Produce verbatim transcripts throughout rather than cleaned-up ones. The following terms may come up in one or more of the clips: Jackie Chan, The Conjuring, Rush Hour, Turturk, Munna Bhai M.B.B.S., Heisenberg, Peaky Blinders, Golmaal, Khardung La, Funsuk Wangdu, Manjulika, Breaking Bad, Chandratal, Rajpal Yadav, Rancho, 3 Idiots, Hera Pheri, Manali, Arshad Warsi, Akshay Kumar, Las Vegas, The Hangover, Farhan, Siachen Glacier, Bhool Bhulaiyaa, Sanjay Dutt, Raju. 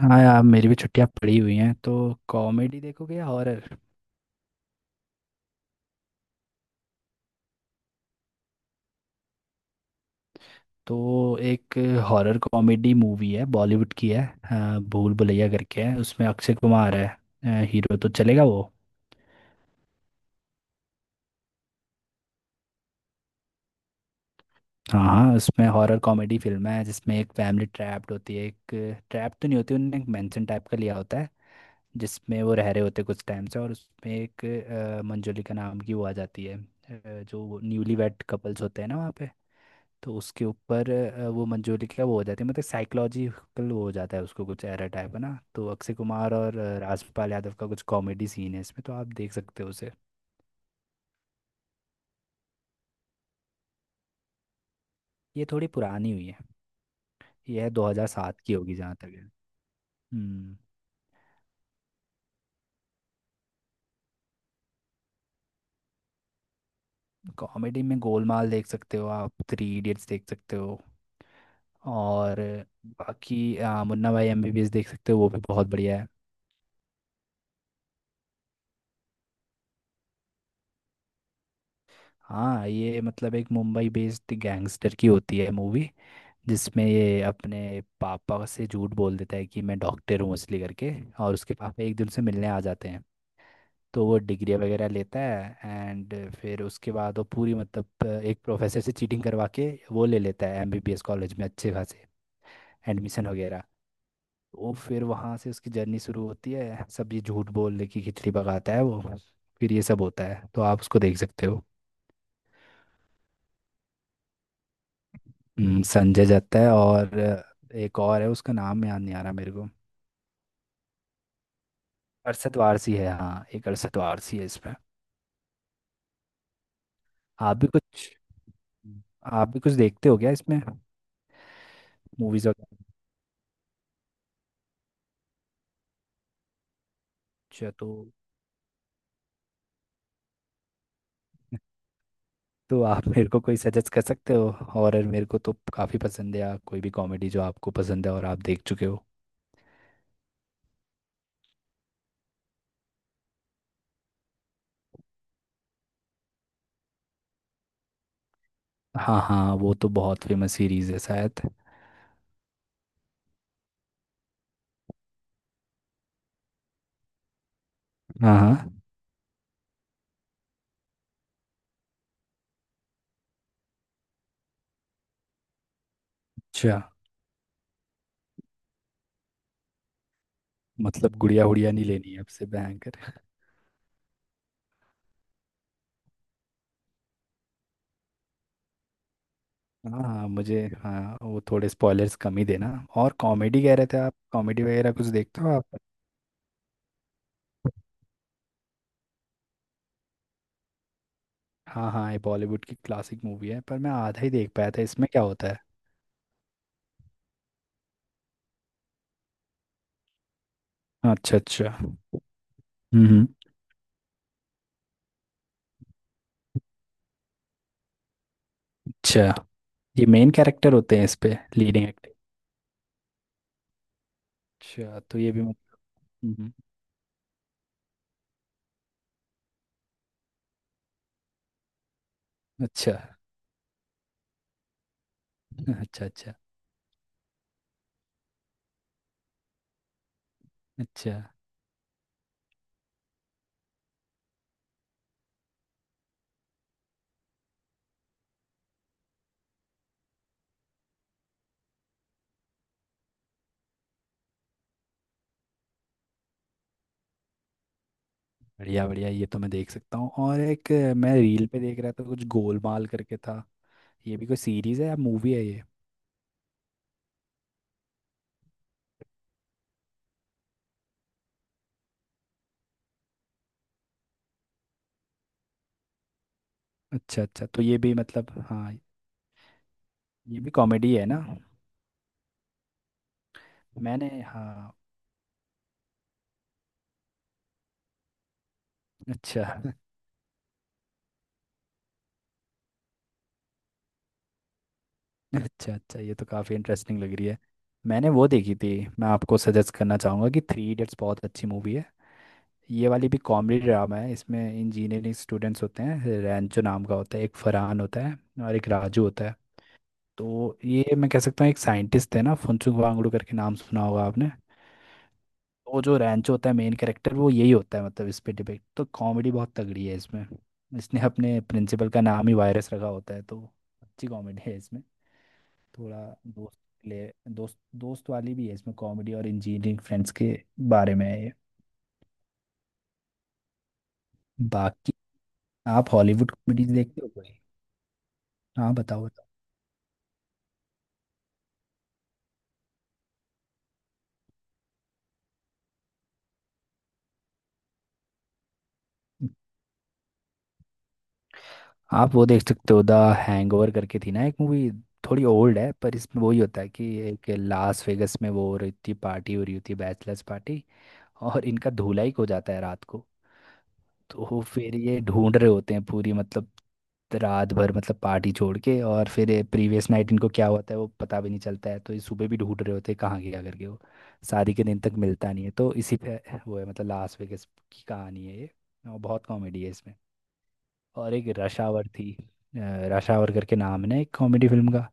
हाँ यार, मेरी भी छुट्टियां पड़ी हुई हैं तो कॉमेडी देखोगे या हॉरर? तो एक हॉरर कॉमेडी मूवी है, बॉलीवुड की है। अ, भूल भुलैया करके है, उसमें अक्षय कुमार है। अ, हीरो तो चलेगा वो? हाँ हाँ, उसमें हॉरर कॉमेडी फिल्म है जिसमें एक फैमिली ट्रैप्ड होती है। एक ट्रैप तो नहीं होती, उन्होंने एक मेंशन टाइप का लिया होता है जिसमें वो रह रहे होते हैं कुछ टाइम से। और उसमें एक अ, मंजुलिका नाम की वो आ जाती है। अ, जो न्यूली वेड कपल्स होते हैं ना वहाँ पे, तो उसके ऊपर अ, वो मंजूरी क्या वो हो जाती है, मतलब साइकोलॉजिकल वो हो जाता है उसको, कुछ एरर टाइप है ना। तो अक्षय कुमार और अ, राजपाल यादव का कुछ कॉमेडी सीन है इसमें, तो आप देख सकते हो उसे। ये थोड़ी पुरानी हुई है। ये है दो हज़ार सात की होगी जहाँ तक है। हम्म। कॉमेडी में गोलमाल देख सकते हो आप, थ्री इडियट्स देख सकते हो। और बाकी अ, मुन्ना भाई एमबीबीएस देख सकते हो, वो भी बहुत बढ़िया है। हाँ, ये मतलब एक मुंबई बेस्ड गैंगस्टर की होती है मूवी, जिसमें ये अपने पापा से झूठ बोल देता है कि मैं डॉक्टर हूँ असली करके। और उसके पापा एक दिन से मिलने आ जाते हैं तो वो डिग्री वगैरह लेता है एंड फिर उसके बाद वो पूरी मतलब एक प्रोफेसर से चीटिंग करवा के वो ले लेता है एमबीबीएस कॉलेज में अच्छे खासे एडमिशन वगैरह। वो फिर वहाँ से उसकी जर्नी शुरू होती है, सब ये झूठ बोलने की खिचड़ी पकाता है वो। फिर ये सब होता है तो आप उसको देख सकते हो। हम्म, संजय दत्त है और एक और है, उसका नाम याद नहीं आ रहा मेरे को। अरशद वारसी है, हाँ, एक अरशद वारसी है इसमें। आप भी कुछ आप भी कुछ देखते हो क्या इसमें मूवीज वगैरह? अच्छा तो तो आप मेरे को कोई सजेस्ट कर सकते हो? हॉरर मेरे को तो काफ़ी पसंद है, या कोई भी कॉमेडी जो आपको पसंद है और आप देख चुके हो। हाँ हाँ, वो तो बहुत फेमस सीरीज है शायद। हाँ हाँ, अच्छा, मतलब गुड़िया उड़िया नहीं लेनी है आपसे भयंकर। हाँ हाँ, मुझे, हाँ, वो थोड़े स्पॉयलर्स कम ही देना। और कॉमेडी कह रहे थे आप, कॉमेडी वगैरह कुछ देखते हो आप? हाँ हाँ, ये बॉलीवुड की क्लासिक मूवी है पर मैं आधा ही देख पाया था, इसमें क्या होता है? अच्छा अच्छा, हम्म हम्म। अच्छा, ये मेन कैरेक्टर होते हैं इस पे, लीडिंग एक्टर। अच्छा तो ये भी मत- हम्म, हम्म। अच्छा अच्छा अच्छा। अच्छा, बढ़िया बढ़िया, ये तो मैं देख सकता हूँ। और एक अ, मैं रील पे देख रहा था कुछ गोलमाल करके था। ये भी कोई सीरीज है या मूवी है ये? अच्छा अच्छा तो ये भी, मतलब, हाँ, ये भी कॉमेडी है ना? मैंने, हाँ। अच्छा अच्छा अच्छा, ये तो काफ़ी इंटरेस्टिंग लग रही है। मैंने वो देखी थी। मैं आपको सजेस्ट करना चाहूँगा कि थ्री इडियट्स बहुत अच्छी मूवी है। ये वाली भी कॉमेडी ड्रामा है, इसमें इंजीनियरिंग स्टूडेंट्स होते हैं, रैंचो नाम का होता है एक, फरहान होता है और एक राजू होता है। तो ये मैं कह सकता हू, एक साइंटिस्ट है ना फुनसुक वांगडू करके, नाम सुना होगा आपने। वो जो रैंचो होता है मेन कैरेक्टर वो यही होता है, मतलब इस पे डिपेक्ट। तो कॉमेडी बहुत तगड़ी है इसमें, इसने अपने प्रिंसिपल का नाम ही वायरस रखा होता है, तो अच्छी कॉमेडी है इसमें। थोड़ा दोस्त ले दोस्त दोस्त वाली भी है इसमें, कॉमेडी और इंजीनियरिंग फ्रेंड्स के बारे में है ये। बाकी आप हॉलीवुड कॉमेडीज देखते हो कोई? हाँ बताओ बताओ। आप वो देख सकते हो द हैंगओवर करके थी ना एक मूवी, थोड़ी ओल्ड है पर इसमें वही होता है कि एक लास वेगस में वो हो रही थी, पार्टी हो रही होती है बैचलर्स पार्टी। और इनका धुलाई हो जाता है रात को। तो फिर ये ढूंढ रहे होते हैं पूरी, मतलब रात भर, मतलब पार्टी छोड़ के। और फिर प्रीवियस नाइट इनको क्या होता है वो पता भी नहीं चलता है, तो ये सुबह भी ढूंढ रहे होते हैं कहाँ गया करके वो। शादी के दिन तक मिलता नहीं है तो इसी पे वो है, मतलब लास वेगास की कहानी है ये और बहुत कॉमेडी है इसमें। और एक रश आवर थी, अ, रश आवर करके नाम है ना एक कॉमेडी फिल्म का,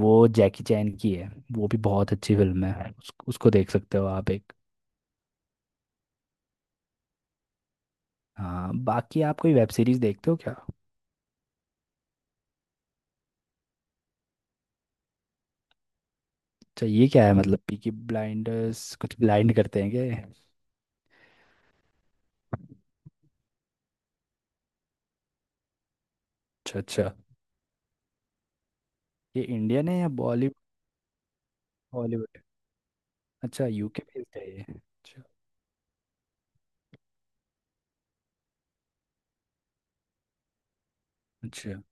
वो जैकी चैन की है। वो भी बहुत अच्छी फिल्म है, उस, उसको देख सकते हो आप एक। हाँ, बाकी आप कोई वेब सीरीज देखते हो क्या? अच्छा ये क्या है, मतलब पीकी ब्लाइंडर्स कुछ ब्लाइंड करते हैं क्या ये? अच्छा अच्छा, ये इंडियन है या बॉलीवुड? हॉलीवुड? अच्छा, यूके बेस्ड है ये, अच्छा। अच्छा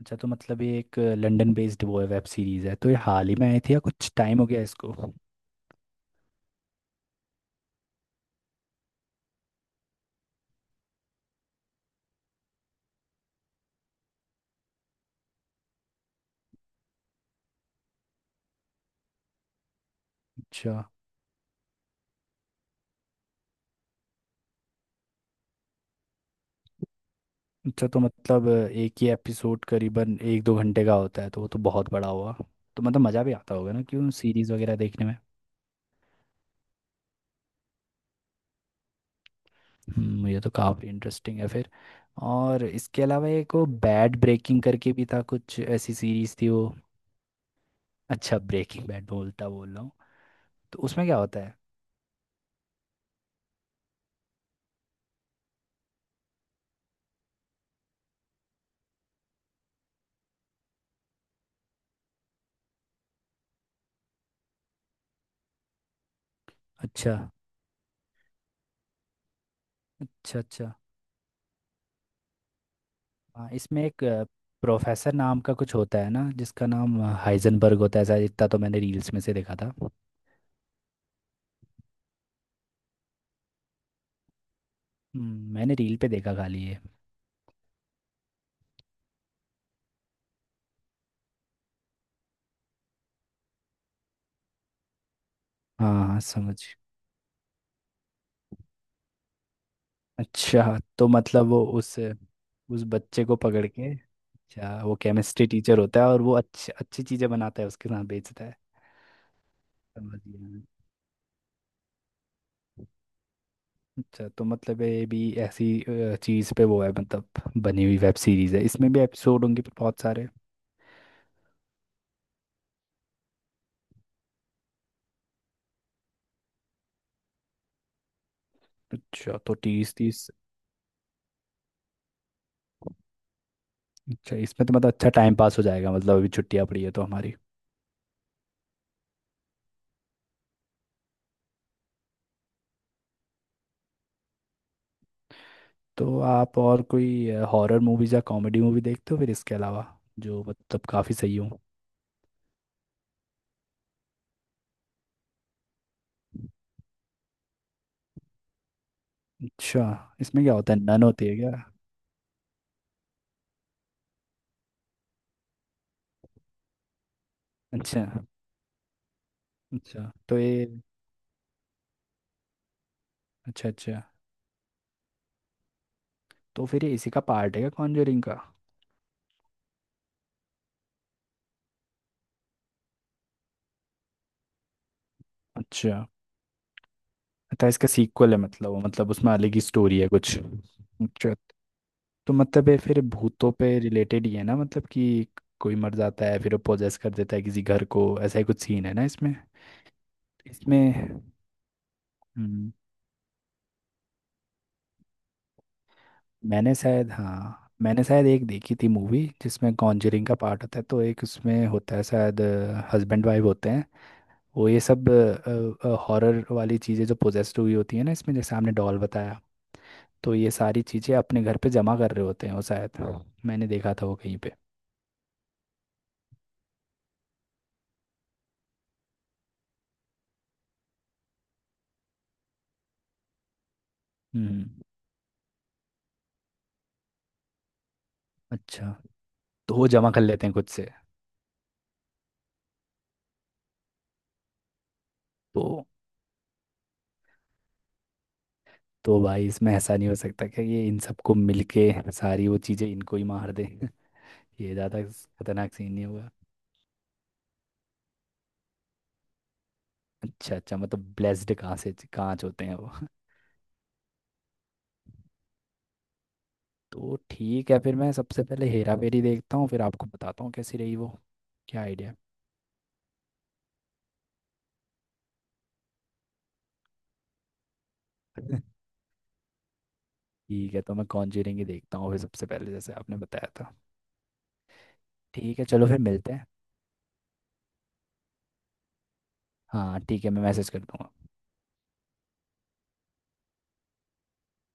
अच्छा तो मतलब ये एक लंदन बेस्ड वो है वेब सीरीज है, तो ये हाल ही में आई थी या कुछ टाइम हो गया इसको? अच्छा अच्छा तो मतलब एक ही एपिसोड करीबन एक दो घंटे का होता है, तो वो तो बहुत बड़ा हुआ। तो मतलब मज़ा भी आता होगा ना क्यों सीरीज वगैरह देखने में। हम्म, ये तो काफ़ी इंटरेस्टिंग है फिर। और इसके अलावा एक वो बैड ब्रेकिंग करके भी था, कुछ ऐसी सीरीज थी वो। अच्छा, ब्रेकिंग बैड बोलता बोल रहा हूँ। तो उसमें क्या होता है? अच्छा अच्छा अच्छा। हाँ, इसमें एक प्रोफेसर नाम का कुछ होता है ना जिसका नाम अ, हाइजनबर्ग होता है ऐसा, इतना तो मैंने रील्स में से देखा था। हम्म, मैंने रील पे देखा खाली ये। हाँ हाँ समझ। अच्छा तो मतलब वो उस उस बच्चे को पकड़ के, अच्छा वो केमिस्ट्री टीचर होता है और वो अच्छी अच्छी चीज़ें बनाता है उसके साथ बेचता है। समझ गया मैं। अच्छा तो मतलब ये भी ऐसी अ, चीज़ पे वो है मतलब बनी हुई वेब सीरीज़ है, इसमें भी एपिसोड होंगे बहुत सारे। अच्छा तो तीस तीस। अच्छा, इसमें तो मतलब अच्छा टाइम पास हो जाएगा, मतलब अभी छुट्टियाँ पड़ी है तो हमारी। तो आप और कोई हॉरर मूवीज या कॉमेडी मूवी देखते हो फिर इसके अलावा, जो मतलब काफ़ी सही हो? अच्छा, इसमें क्या होता है, नन होती है क्या? अच्छा अच्छा तो ये, अच्छा अच्छा तो फिर ये इसी का पार्ट है क्या कॉन्जरिंग का? अच्छा तो इसका सीक्वल है, मतलब वो, मतलब उसमें अलग ही स्टोरी है कुछ। अच्छा तो मतलब ये फिर भूतों पे रिलेटेड ही है ना, मतलब कि कोई मर जाता है फिर वो पोजेस कर देता है किसी घर को, ऐसा ही कुछ सीन है ना इसमें? इसमें, हम्म, मैंने शायद, हाँ मैंने शायद एक देखी थी मूवी जिसमें कॉन्जरिंग का पार्ट होता है, तो एक उसमें होता है शायद हस्बैंड वाइफ होते हैं, वो ये सब हॉरर वाली चीज़ें जो पोजेस्ड हुई होती है ना इसमें, जैसे आपने डॉल बताया, तो ये सारी चीज़ें अपने घर पे जमा कर रहे होते हैं वो शायद। हाँ, मैंने देखा था वो कहीं पे। हम्म। अच्छा तो वो जमा कर लेते हैं खुद से। तो तो भाई इसमें ऐसा नहीं हो सकता कि ये इन सबको मिलके सारी वो चीज़ें इनको ही मार दें? ये ज़्यादा खतरनाक सीन नहीं होगा। अच्छा अच्छा, मतलब ब्लेस्ड कहाँ से कहाँ से होते हैं वो? तो ठीक है, फिर मैं सबसे पहले हेरा फेरी देखता हूँ फिर आपको बताता हूँ कैसी रही वो। क्या आइडिया। ठीक है तो मैं कॉन्जरिंग ही देखता हूँ फिर सबसे पहले, जैसे आपने बताया था। ठीक है, चलो फिर मिलते हैं। हाँ ठीक है, मैं मैसेज कर दूंगा।